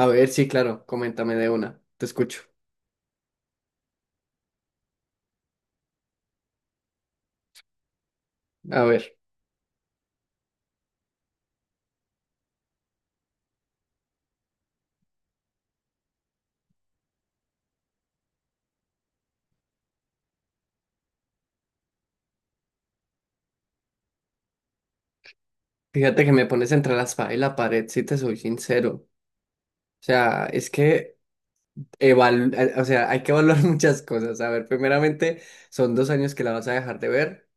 A ver, sí, claro, coméntame de una, te escucho. A ver, fíjate que me pones entre la espada y la pared, si te soy sincero. O sea, es que o sea, hay que evaluar muchas cosas. A ver, primeramente, son 2 años que la vas a dejar de ver.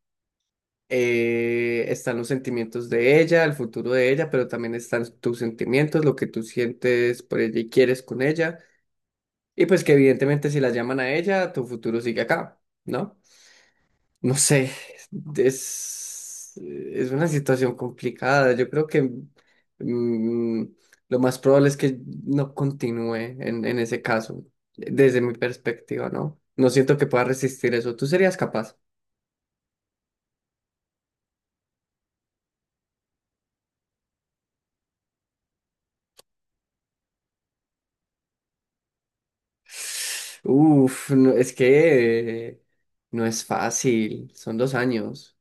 Están los sentimientos de ella, el futuro de ella, pero también están tus sentimientos, lo que tú sientes por ella y quieres con ella. Y pues que evidentemente si la llaman a ella, tu futuro sigue acá, ¿no? No sé, es una situación complicada. Yo creo que mm, lo más probable es que no continúe en ese caso, desde mi perspectiva, ¿no? No siento que pueda resistir eso. ¿Tú serías capaz? Uf, no, es que no es fácil. Son dos años.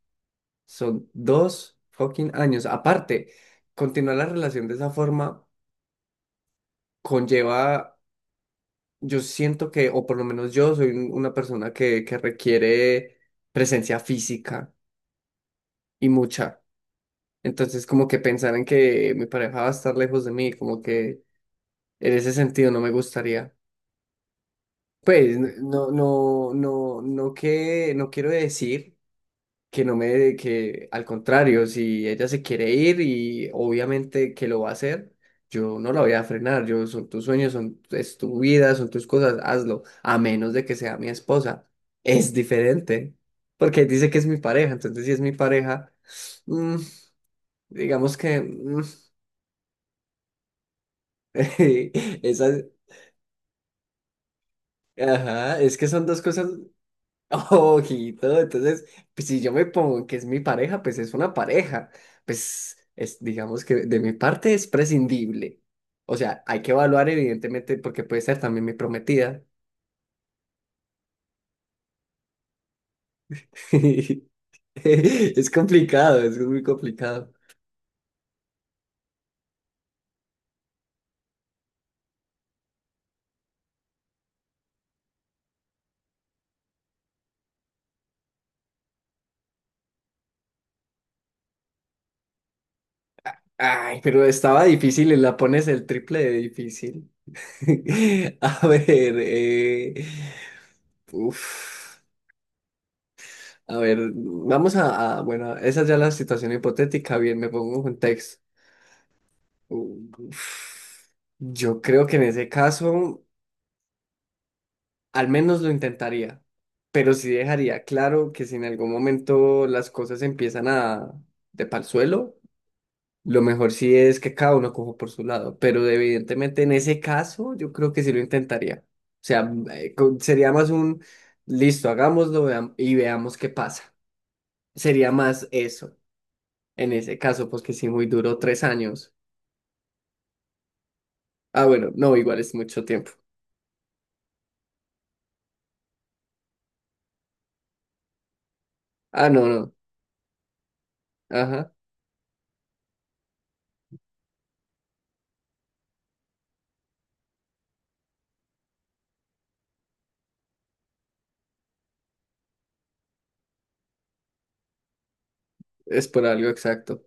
Son 2 fucking años. Aparte, continuar la relación de esa forma conlleva. Yo siento que, o por lo menos yo soy una persona que, requiere presencia física y mucha. Entonces, como que pensar en que mi pareja va a estar lejos de mí, como que en ese sentido no me gustaría. Pues, no, no, no, no que, no quiero decir. Que no me, que al contrario, si ella se quiere ir y obviamente que lo va a hacer, yo no la voy a frenar, yo son tus sueños, son, es tu vida, son tus cosas, hazlo, a menos de que sea mi esposa. Es diferente, porque dice que es mi pareja, entonces si es mi pareja, mm, digamos que esa- ajá, es que son dos cosas. Ojito, entonces, pues, si yo me pongo que es mi pareja, pues es una pareja. Pues es, digamos que de mi parte es prescindible. O sea, hay que evaluar evidentemente porque puede ser también mi prometida. Es complicado, es muy complicado. Ay, pero estaba difícil y la pones el triple de difícil. A ver, uf. A ver, vamos bueno, esa ya es la situación hipotética, bien, me pongo en contexto. Uf, yo creo que en ese caso al menos lo intentaría, pero sí dejaría claro que si en algún momento las cosas empiezan a de pa'l suelo, lo mejor sí es que cada uno coja por su lado, pero evidentemente en ese caso yo creo que sí lo intentaría. O sea, sería más un listo, hagámoslo y veamos qué pasa. Sería más eso. En ese caso, pues que sí, muy duro, 3 años. Ah, bueno, no, igual es mucho tiempo. Ah, no, no. Ajá. Es por algo, exacto.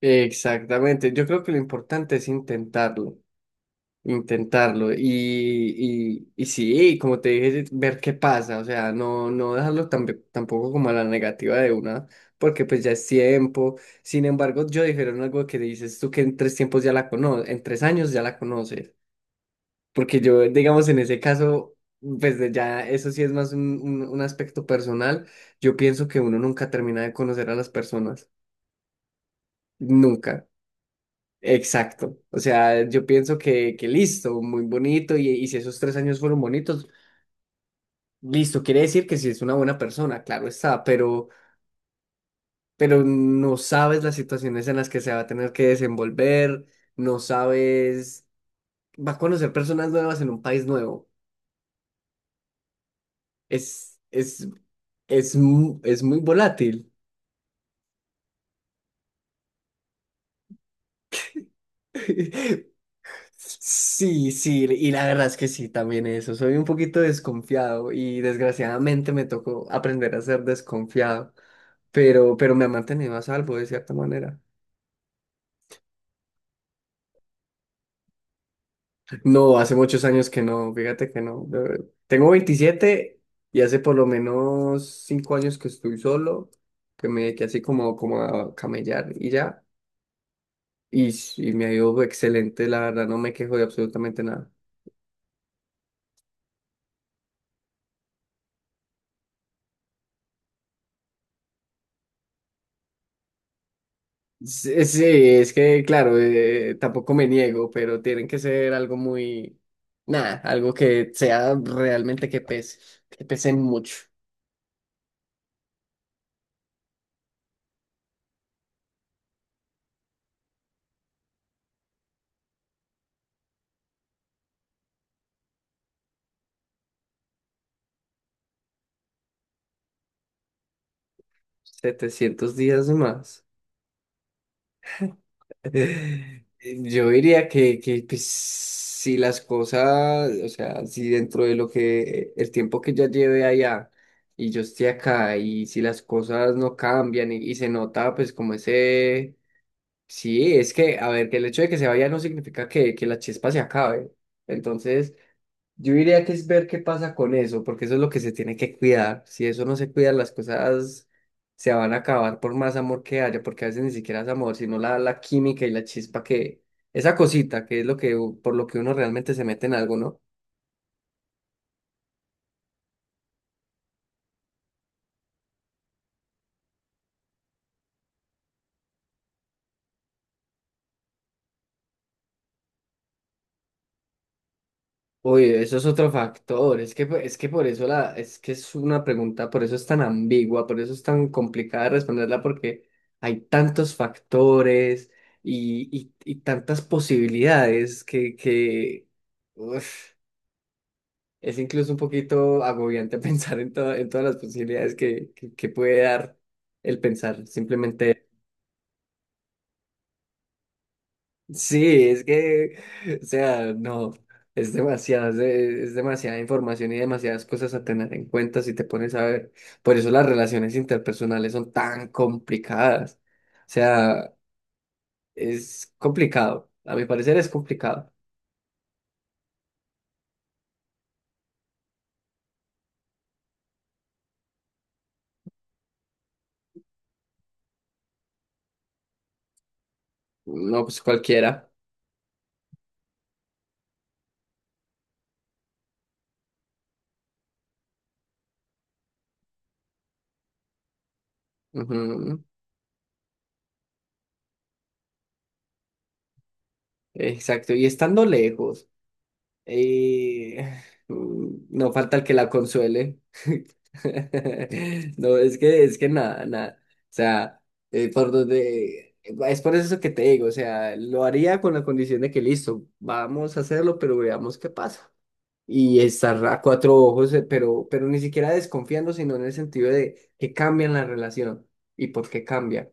Exactamente. Yo creo que lo importante es intentarlo, intentarlo. Y sí, como te dije, ver qué pasa. O sea, no, no dejarlo tampoco como a la negativa de una, porque pues ya es tiempo. Sin embargo, yo dijeron algo que dices tú que en tres tiempos ya la conoces, en 3 años ya la conoces. Porque yo, digamos, en ese caso, pues de ya eso sí es más un aspecto personal. Yo pienso que uno nunca termina de conocer a las personas. Nunca. Exacto. O sea, yo pienso que listo, muy bonito, y si esos 3 años fueron bonitos, listo, quiere decir que si es una buena persona, claro está, pero no sabes las situaciones en las que se va a tener que desenvolver, no sabes, va a conocer personas nuevas en un país nuevo. Es, es, es muy volátil. Sí, sí, y la verdad es que sí, también eso. Soy un poquito desconfiado y desgraciadamente me tocó aprender a ser desconfiado, pero me ha mantenido a salvo de cierta manera. No, hace muchos años que no, fíjate que no. Tengo 27 y hace por lo menos 5 años que estoy solo, que me dediqué así como, como a camellar y ya. Y me ha ido excelente, la verdad, no me quejo de absolutamente nada. Sí, sí, es que, claro, tampoco me niego, pero tienen que ser algo muy, nada, algo que sea realmente que pese mucho. 700 días más. Yo diría que pues, si las cosas, o sea, si dentro de lo que el tiempo que ya lleve allá y yo esté acá y si las cosas no cambian y se nota pues como ese, sí, es que, a ver, que el hecho de que se vaya no significa que la chispa se acabe. Entonces... Yo diría que es ver qué pasa con eso, porque eso es lo que se tiene que cuidar. Si eso no se cuida, las cosas se van a acabar por más amor que haya, porque a veces ni siquiera es amor, sino la, la química y la chispa que, esa cosita que es lo que, por lo que uno realmente se mete en algo, ¿no? Oye, eso es otro factor, es que por eso la, es que es una pregunta, por eso es tan ambigua, por eso es tan complicada de responderla, porque hay tantos factores y tantas posibilidades uf. Es incluso un poquito agobiante pensar en, en todas las posibilidades que puede dar el pensar. Simplemente, sí, es que, o sea, no, es demasiado, es demasiada información y demasiadas cosas a tener en cuenta si te pones a ver. Por eso las relaciones interpersonales son tan complicadas. O sea, es complicado. A mi parecer es complicado. No, pues cualquiera. Ujú, exacto. Y estando lejos. Y no falta el que la consuele. No, es que nada, nada. O sea, por donde. Es por eso que te digo, o sea, lo haría con la condición de que listo, vamos a hacerlo, pero veamos qué pasa. Y estar a cuatro ojos, pero ni siquiera desconfiando, sino en el sentido de que cambian la relación. ¿Y por qué cambia?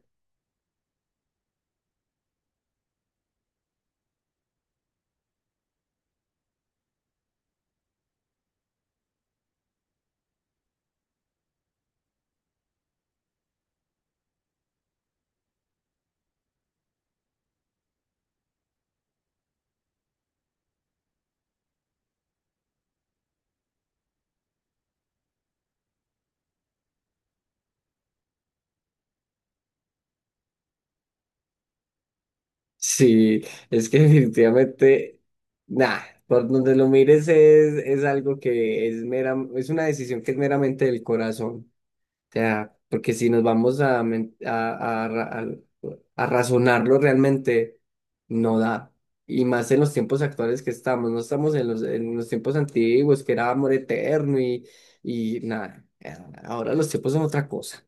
Sí, es que definitivamente, nah, por donde lo mires es algo que es mera, es una decisión que es meramente del corazón. O sea, porque si nos vamos a, men- a ra- a razonarlo realmente, no da. Y más en los tiempos actuales que estamos, no estamos en los tiempos antiguos, que era amor eterno y nada. Ahora los tiempos son otra cosa.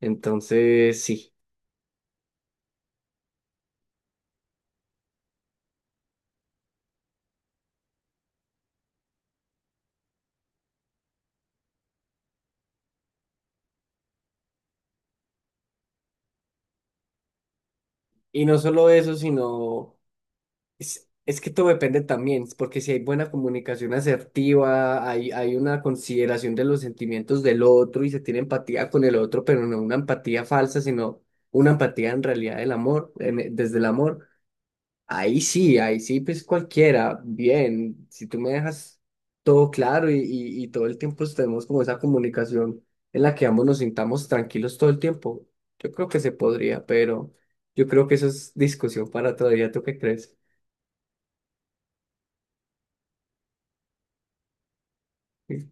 Entonces, sí. Y no solo eso, sino. Es que todo depende también, porque si hay buena comunicación asertiva, hay una consideración de los sentimientos del otro y se tiene empatía con el otro, pero no una empatía falsa, sino una empatía en realidad del amor, desde el amor. Ahí sí, pues cualquiera, bien, si tú me dejas todo claro y todo el tiempo tenemos como esa comunicación en la que ambos nos sintamos tranquilos todo el tiempo, yo creo que se podría, pero yo creo que eso es discusión para otro día, ¿tú qué crees? Sí.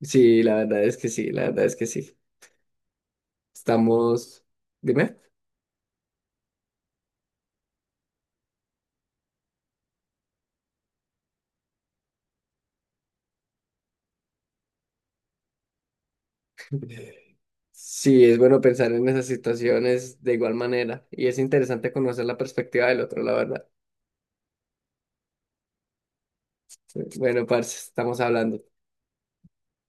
Sí, la verdad es que sí, la verdad es que sí. Estamos, dime. Sí, es bueno pensar en esas situaciones de igual manera y es interesante conocer la perspectiva del otro, la verdad. Bueno, parce, estamos hablando.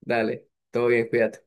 Dale, todo bien, cuídate.